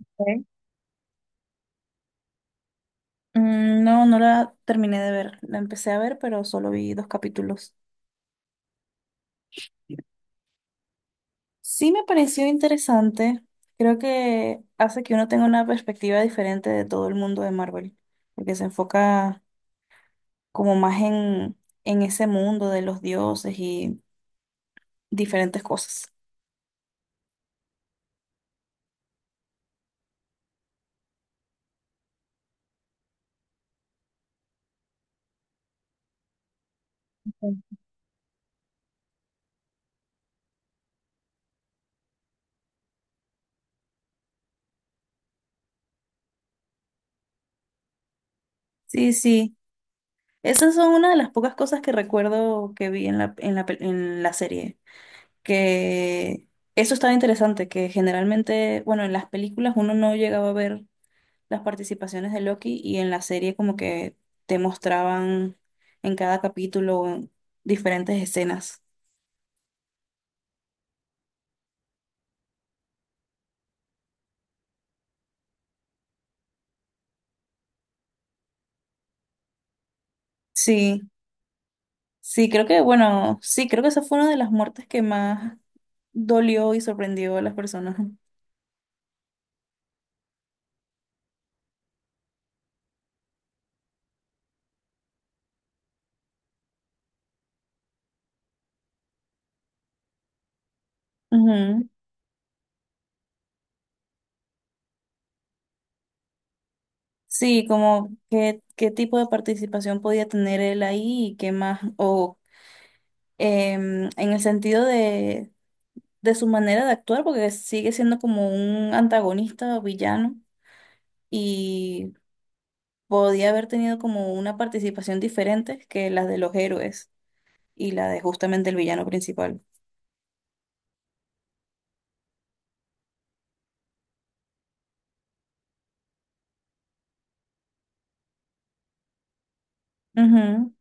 Ok. No, no la terminé de ver. La empecé a ver, pero solo vi dos capítulos. Sí me pareció interesante. Creo que hace que uno tenga una perspectiva diferente de todo el mundo de Marvel, porque se enfoca como más en ese mundo de los dioses y diferentes cosas. Ok. Sí, sí. Esas son una de las pocas cosas que recuerdo que vi en la, en la serie. Que eso estaba interesante, que generalmente, bueno, en las películas uno no llegaba a ver las participaciones de Loki, y en la serie como que te mostraban en cada capítulo diferentes escenas. Sí, sí, creo que, bueno, sí, creo que esa fue una de las muertes que más dolió y sorprendió a las personas. Ujú. Sí, como qué, tipo de participación podía tener él ahí y qué más, o en el sentido de su manera de actuar, porque sigue siendo como un antagonista o villano. Y podía haber tenido como una participación diferente que las de los héroes y la de justamente el villano principal. Ujú.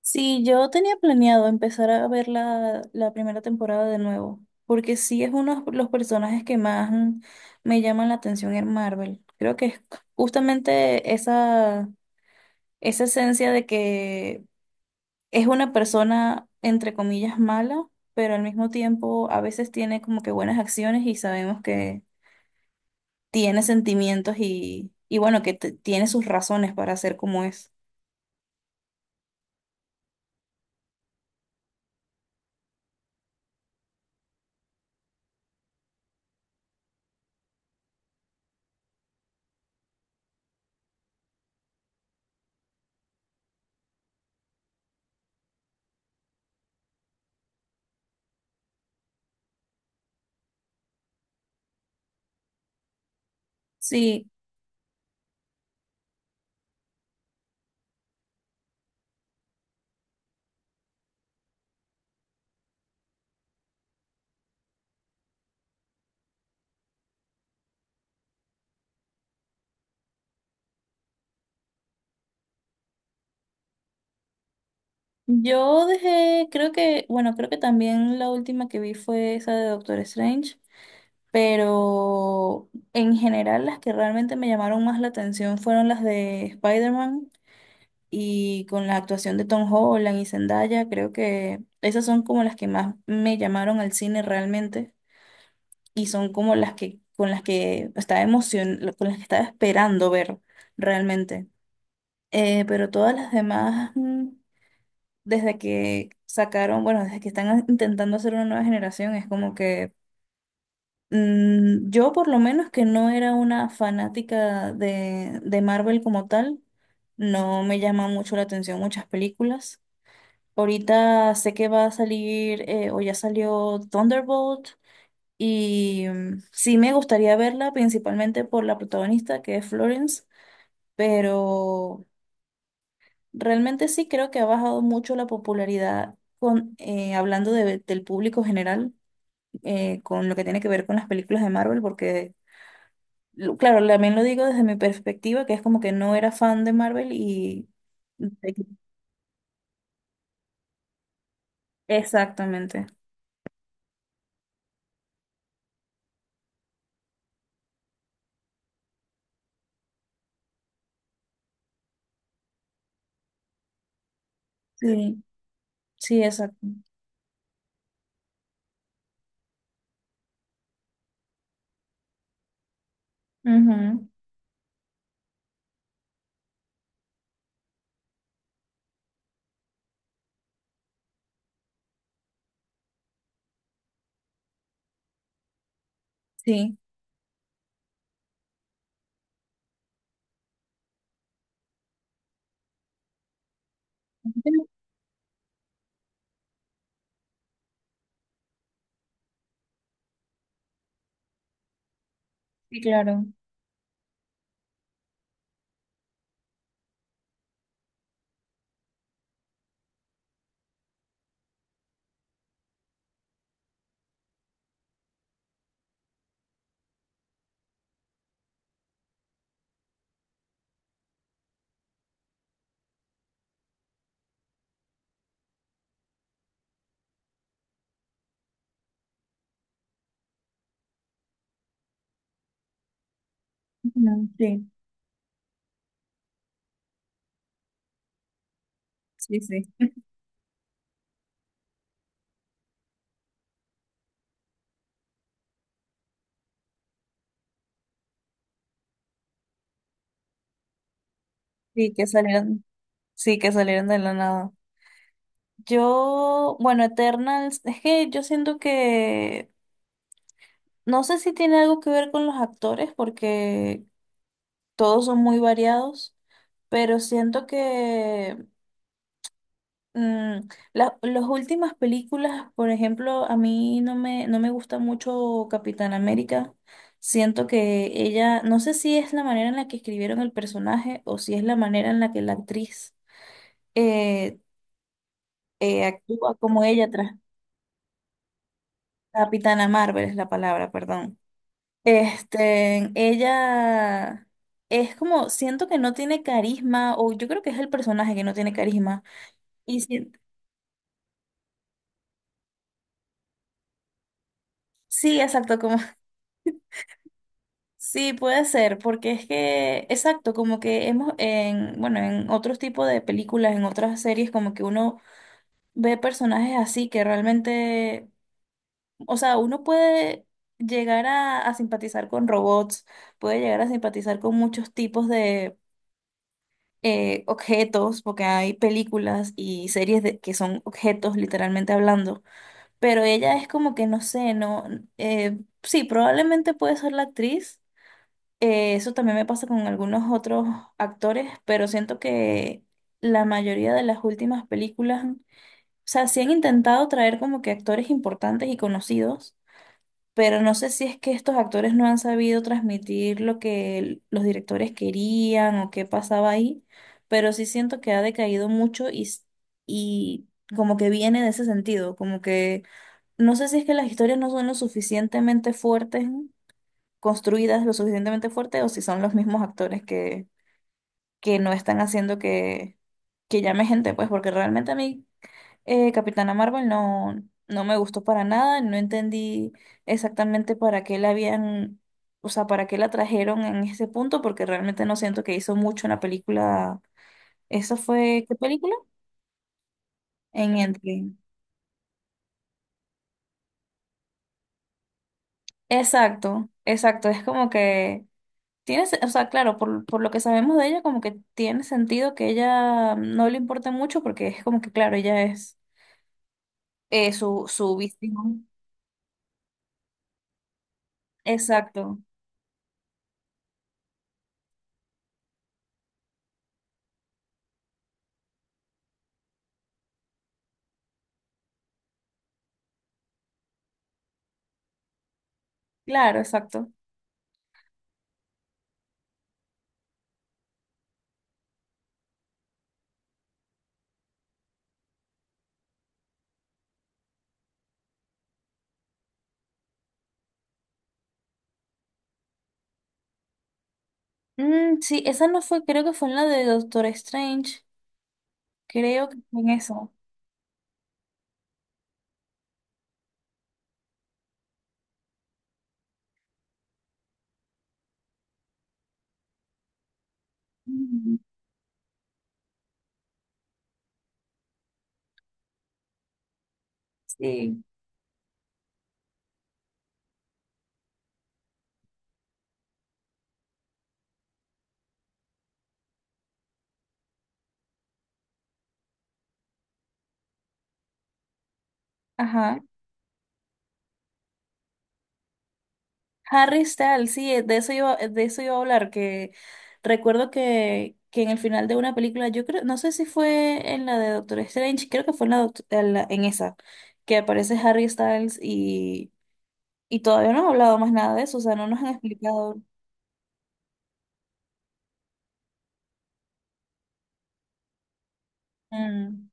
Sí, yo tenía planeado empezar a ver la, primera temporada de nuevo, porque sí es uno de los personajes que más me llaman la atención en Marvel. Creo que es justamente esa esencia de que es una persona, entre comillas, mala, pero al mismo tiempo a veces tiene como que buenas acciones y sabemos que tiene sentimientos y bueno, que tiene sus razones para ser como es. Sí, yo dejé, creo que, bueno, creo que también la última que vi fue esa de Doctor Strange, pero en general las que realmente me llamaron más la atención fueron las de Spider-Man y con la actuación de Tom Holland y Zendaya. Creo que esas son como las que más me llamaron al cine realmente, y son como las que, con las que estaba con las que estaba esperando ver realmente. Pero todas las demás, desde que sacaron, bueno, desde que están intentando hacer una nueva generación, es como que yo por lo menos, que no era una fanática de Marvel como tal, no me llama mucho la atención muchas películas. Ahorita sé que va a salir o ya salió Thunderbolt, y sí me gustaría verla principalmente por la protagonista, que es Florence, pero. Realmente sí creo que ha bajado mucho la popularidad con, hablando del público general, con lo que tiene que ver con las películas de Marvel, porque, claro, también lo digo desde mi perspectiva, que es como que no era fan de Marvel y. Exactamente. Sí, sí, exacto. Ujú. Sí. Sí, claro. Ujú. Sí, sí, sí. Sí, que salieron, sí, que salieron de la nada. Yo, bueno, Eternals, es que yo siento que. No sé si tiene algo que ver con los actores, porque todos son muy variados, pero siento que mm, las últimas películas, por ejemplo, a mí no me, gusta mucho Capitán América. Siento que ella, no sé si es la manera en la que escribieron el personaje o si es la manera en la que la actriz eh, actúa como ella, tras. Capitana Marvel es la palabra, perdón. Este, ella es como, siento que no tiene carisma, o yo creo que es el personaje que no tiene carisma. Y sí, sí, exacto, como, sí, puede ser, porque es que, exacto, como que hemos, en, bueno, en otros tipos de películas, en otras series, como que uno ve personajes así que realmente, o sea, uno puede llegar a simpatizar con robots, puede llegar a simpatizar con muchos tipos, objetos, porque hay películas y series de, que son objetos literalmente hablando. Pero ella es como que no sé, no, sí, probablemente puede ser la actriz. Eso también me pasa con algunos otros actores, pero siento que la mayoría de las últimas películas, o sea, sí han intentado traer como que actores importantes y conocidos, pero no sé si es que estos actores no han sabido transmitir lo que los directores querían o qué pasaba ahí, pero sí siento que ha decaído mucho y, y como que viene de ese sentido, como que no sé si es que las historias no son lo suficientemente fuertes, construidas lo suficientemente fuerte, o si son los mismos actores que, no están haciendo que llame gente, pues porque realmente a mí Capitana Marvel no, no me gustó para nada, no entendí exactamente para qué la habían, o sea, para qué la trajeron en ese punto, porque realmente no siento que hizo mucho en la película. ¿Eso fue qué película? En Endgame. Exacto, exacto. Es como que tiene, o sea, claro, por, lo que sabemos de ella, como que tiene sentido que ella no le importe mucho, porque es como que, claro, ella es, su víctima. Exacto, claro, exacto. Mm, sí, esa no fue, creo que fue en la de Doctor Strange. Creo que fue en eso. Mm, sí, ajá. Harry Styles, sí, de eso iba a hablar, que recuerdo que, en el final de una película, yo creo, no sé si fue en la de Doctor Strange, creo que fue en la, en esa, que aparece Harry Styles y todavía no han hablado más nada de eso, o sea, no nos han explicado. Mm,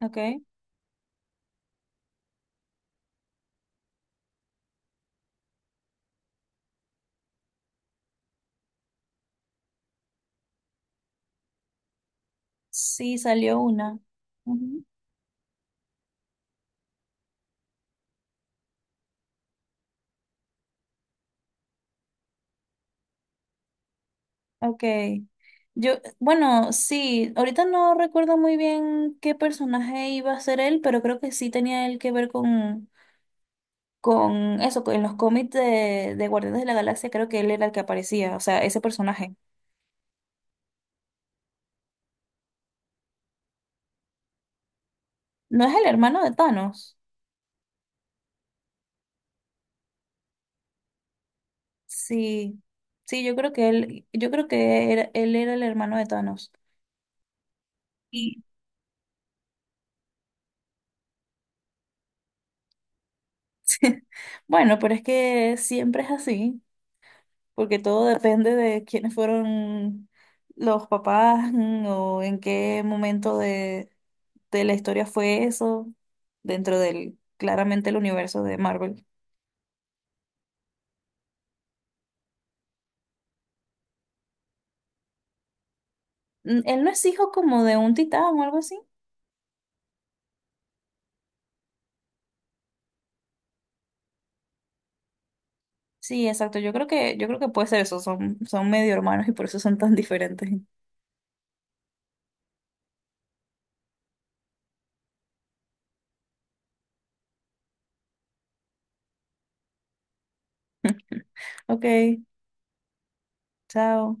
ok. Sí, salió una. Ok. Yo, bueno, sí, ahorita no recuerdo muy bien qué personaje iba a ser él, pero creo que sí tenía él que ver con, eso, con los cómics de Guardianes de la Galaxia. Creo que él era el que aparecía, o sea, ese personaje. ¿No es el hermano de Thanos? Sí, sí, yo creo que él, yo creo que él era el hermano de Thanos. Y, bueno, pero es que siempre es así, porque todo depende de quiénes fueron los papás. O en qué momento de, la historia fue eso, dentro del, claramente, el universo de Marvel. Él no es hijo como de un titán o algo así. Sí, exacto. Yo creo que puede ser eso. Son medio hermanos y por eso son tan diferentes. Ok, chao.